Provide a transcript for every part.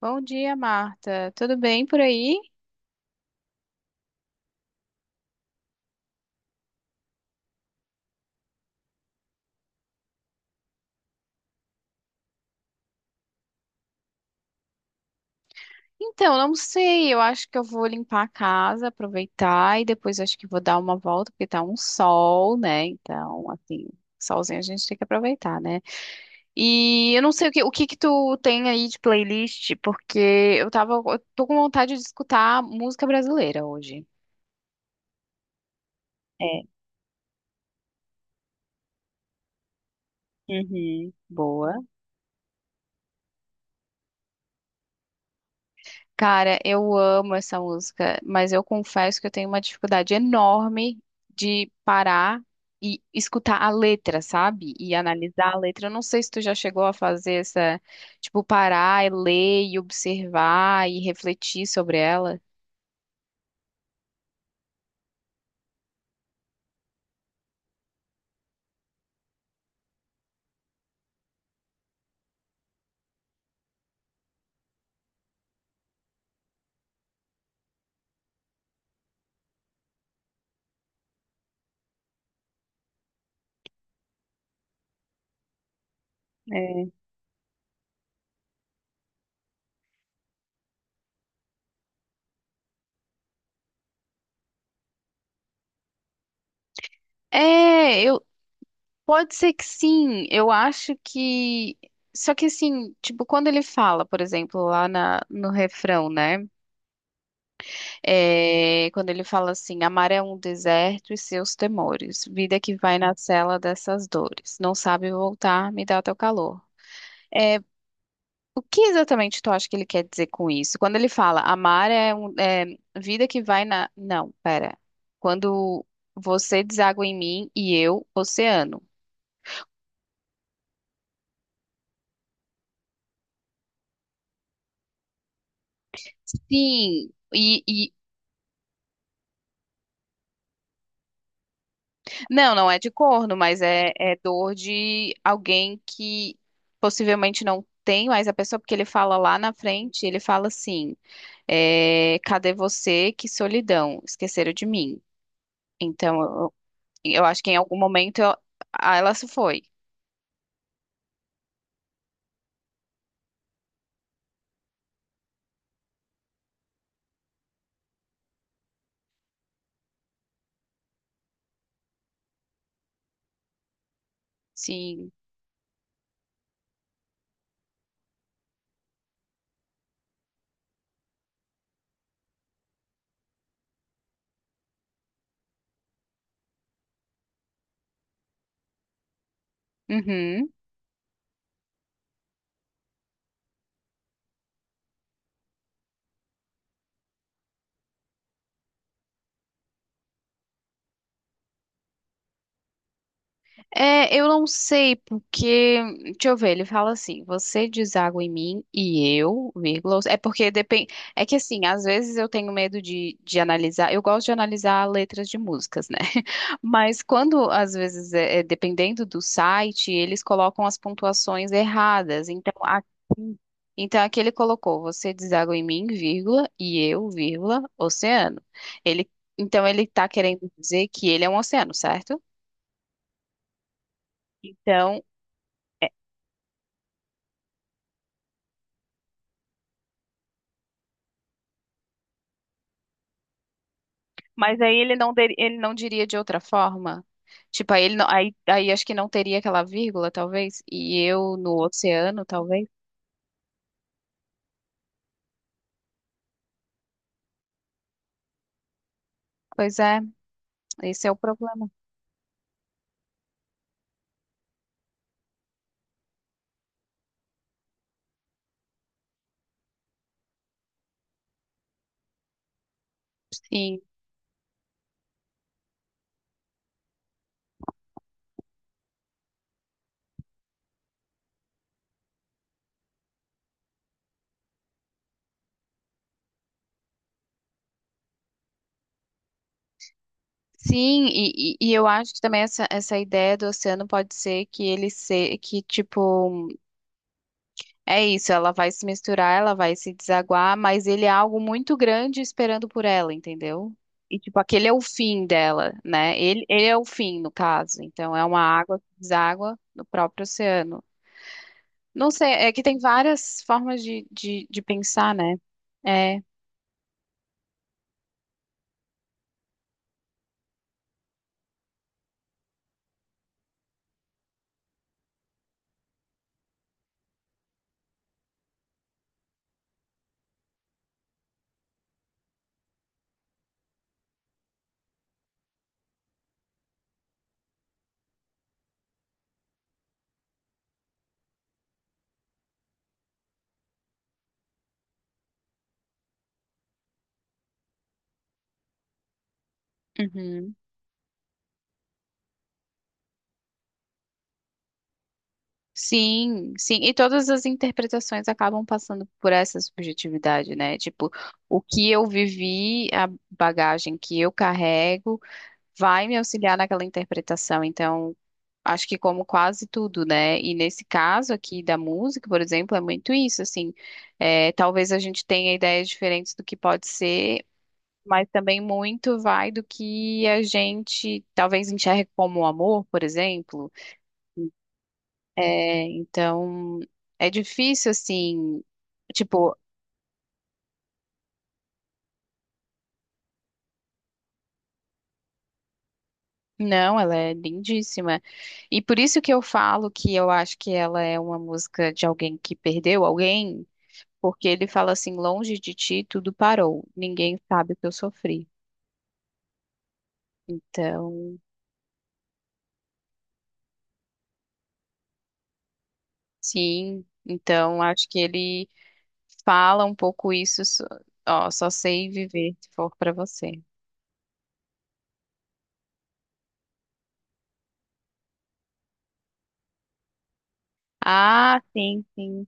Bom dia, Marta. Tudo bem por aí? Então, não sei. Eu acho que eu vou limpar a casa, aproveitar e depois acho que vou dar uma volta, porque tá um sol, né? Então, assim, solzinho a gente tem que aproveitar, né? E eu não sei o que que tu tem aí de playlist, porque eu tô com vontade de escutar música brasileira hoje. É. Uhum. Boa. Cara, eu amo essa música, mas eu confesso que eu tenho uma dificuldade enorme de parar e escutar a letra, sabe? E analisar a letra. Eu não sei se tu já chegou a fazer essa, tipo, parar e ler e observar e refletir sobre ela. É. É, eu pode ser que sim. Eu acho que só que assim, tipo, quando ele fala, por exemplo, no refrão, né? Quando ele fala assim, amar é um deserto e seus temores, vida que vai na cela dessas dores, não sabe voltar, me dá teu calor. É, o que exatamente tu acha que ele quer dizer com isso? Quando ele fala, amar é, vida que vai na... Não, pera. Quando você deságua em mim e eu, oceano. Sim, e, não, não é de corno, mas é dor de alguém que possivelmente não tem mais a pessoa, porque ele fala lá na frente, ele fala assim, é, cadê você? Que solidão, esqueceram de mim. Então, eu acho que em algum momento ah, ela se foi. Sim. Uhum. É, eu não sei porque, deixa eu ver, ele fala assim, você deságua em mim e eu, vírgula, é porque depende, é que assim, às vezes eu tenho medo de analisar, eu gosto de analisar letras de músicas, né? Mas quando, às vezes, dependendo do site, eles colocam as pontuações erradas, então aqui ele colocou, você deságua em mim, vírgula, e eu, vírgula, oceano. Ele, então ele tá querendo dizer que ele é um oceano, certo? Então, mas aí ele não, ele não diria de outra forma? Tipo, aí, aí acho que não teria aquela vírgula, talvez, e eu no oceano, talvez. Pois é, esse é o problema. Sim, sim, e eu acho que também essa ideia do oceano pode ser que ele se, que tipo é isso, ela vai se misturar, ela vai se desaguar, mas ele é algo muito grande esperando por ela, entendeu? E, tipo, aquele é o fim dela, né? Ele é o fim, no caso. Então, é uma água que deságua no próprio oceano. Não sei, é que tem várias formas de pensar, né? É. Uhum. Sim, sim. E todas as interpretações acabam passando por essa subjetividade, né? Tipo, o que eu vivi, a bagagem que eu carrego vai me auxiliar naquela interpretação. Então, acho que como quase tudo, né? E nesse caso aqui da música, por exemplo, é muito isso, assim. É, talvez a gente tenha ideias diferentes do que pode ser, mas também muito vai do que a gente talvez enxergue como amor, por exemplo. É, então, é difícil, assim, tipo. Não, ela é lindíssima. E por isso que eu falo que eu acho que ela é uma música de alguém que perdeu alguém, porque ele fala assim: longe de ti tudo parou, ninguém sabe o que eu sofri. Então, sim, então acho que ele fala um pouco isso, ó, só sei viver se for pra você. Ah, sim, sim.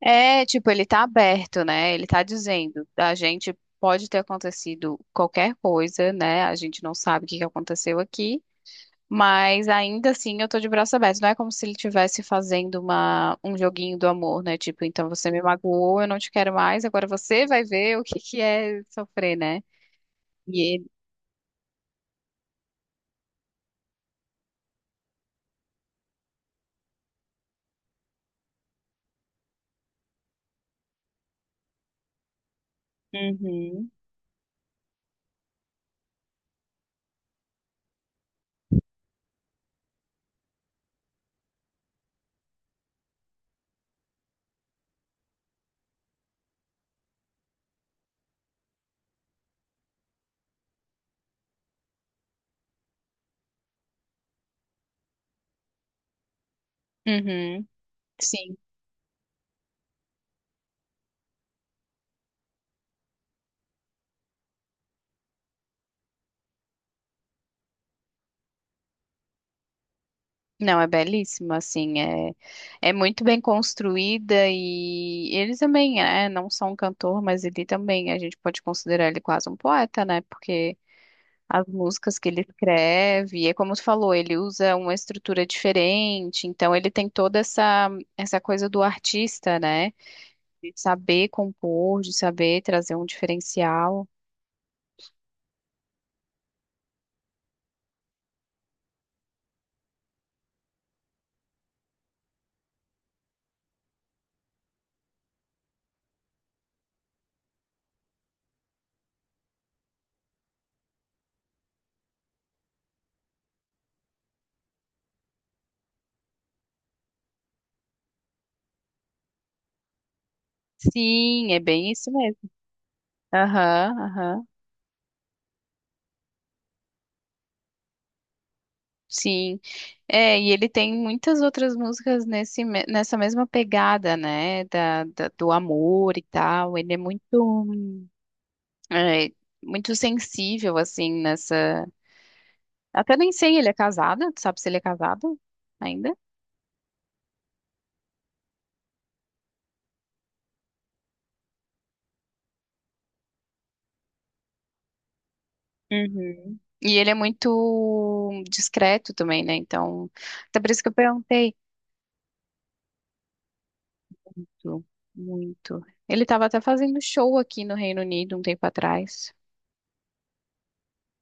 É, tipo, ele tá aberto, né? Ele tá dizendo, a gente pode ter acontecido qualquer coisa, né? A gente não sabe o que que aconteceu aqui. Mas ainda assim eu tô de braço aberto. Não é como se ele estivesse fazendo um joguinho do amor, né? Tipo, então você me magoou, eu não te quero mais, agora você vai ver o que que é sofrer, né? E ele. Uhum. Uhum. Sim. Não, é belíssimo, assim, é, é muito bem construída e ele também é, não só um cantor, mas ele também, a gente pode considerar ele quase um poeta, né? Porque as músicas que ele escreve. É como tu falou, ele usa uma estrutura diferente, então ele tem toda essa coisa do artista, né? De saber compor, de saber trazer um diferencial. Sim, é bem isso mesmo. Aham, aham. Sim. É, e ele tem muitas outras músicas nessa mesma pegada, né? Do amor e tal. Ele é muito, hum, é, muito sensível, assim, nessa. Até nem sei, ele é casado, tu sabe se ele é casado ainda? Uhum. E ele é muito discreto também, né? Então, até por isso que eu perguntei. Muito. Muito. Ele estava até fazendo show aqui no Reino Unido um tempo atrás.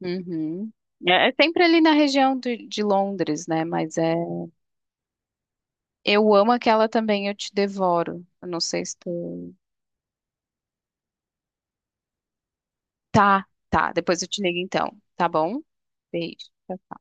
Uhum. É é sempre ali na região de Londres, né? Mas é. Eu amo aquela também, Eu Te Devoro. Eu não sei se tu. Tá, tá. Depois eu te ligo então. Tá bom? Beijo. Tchau,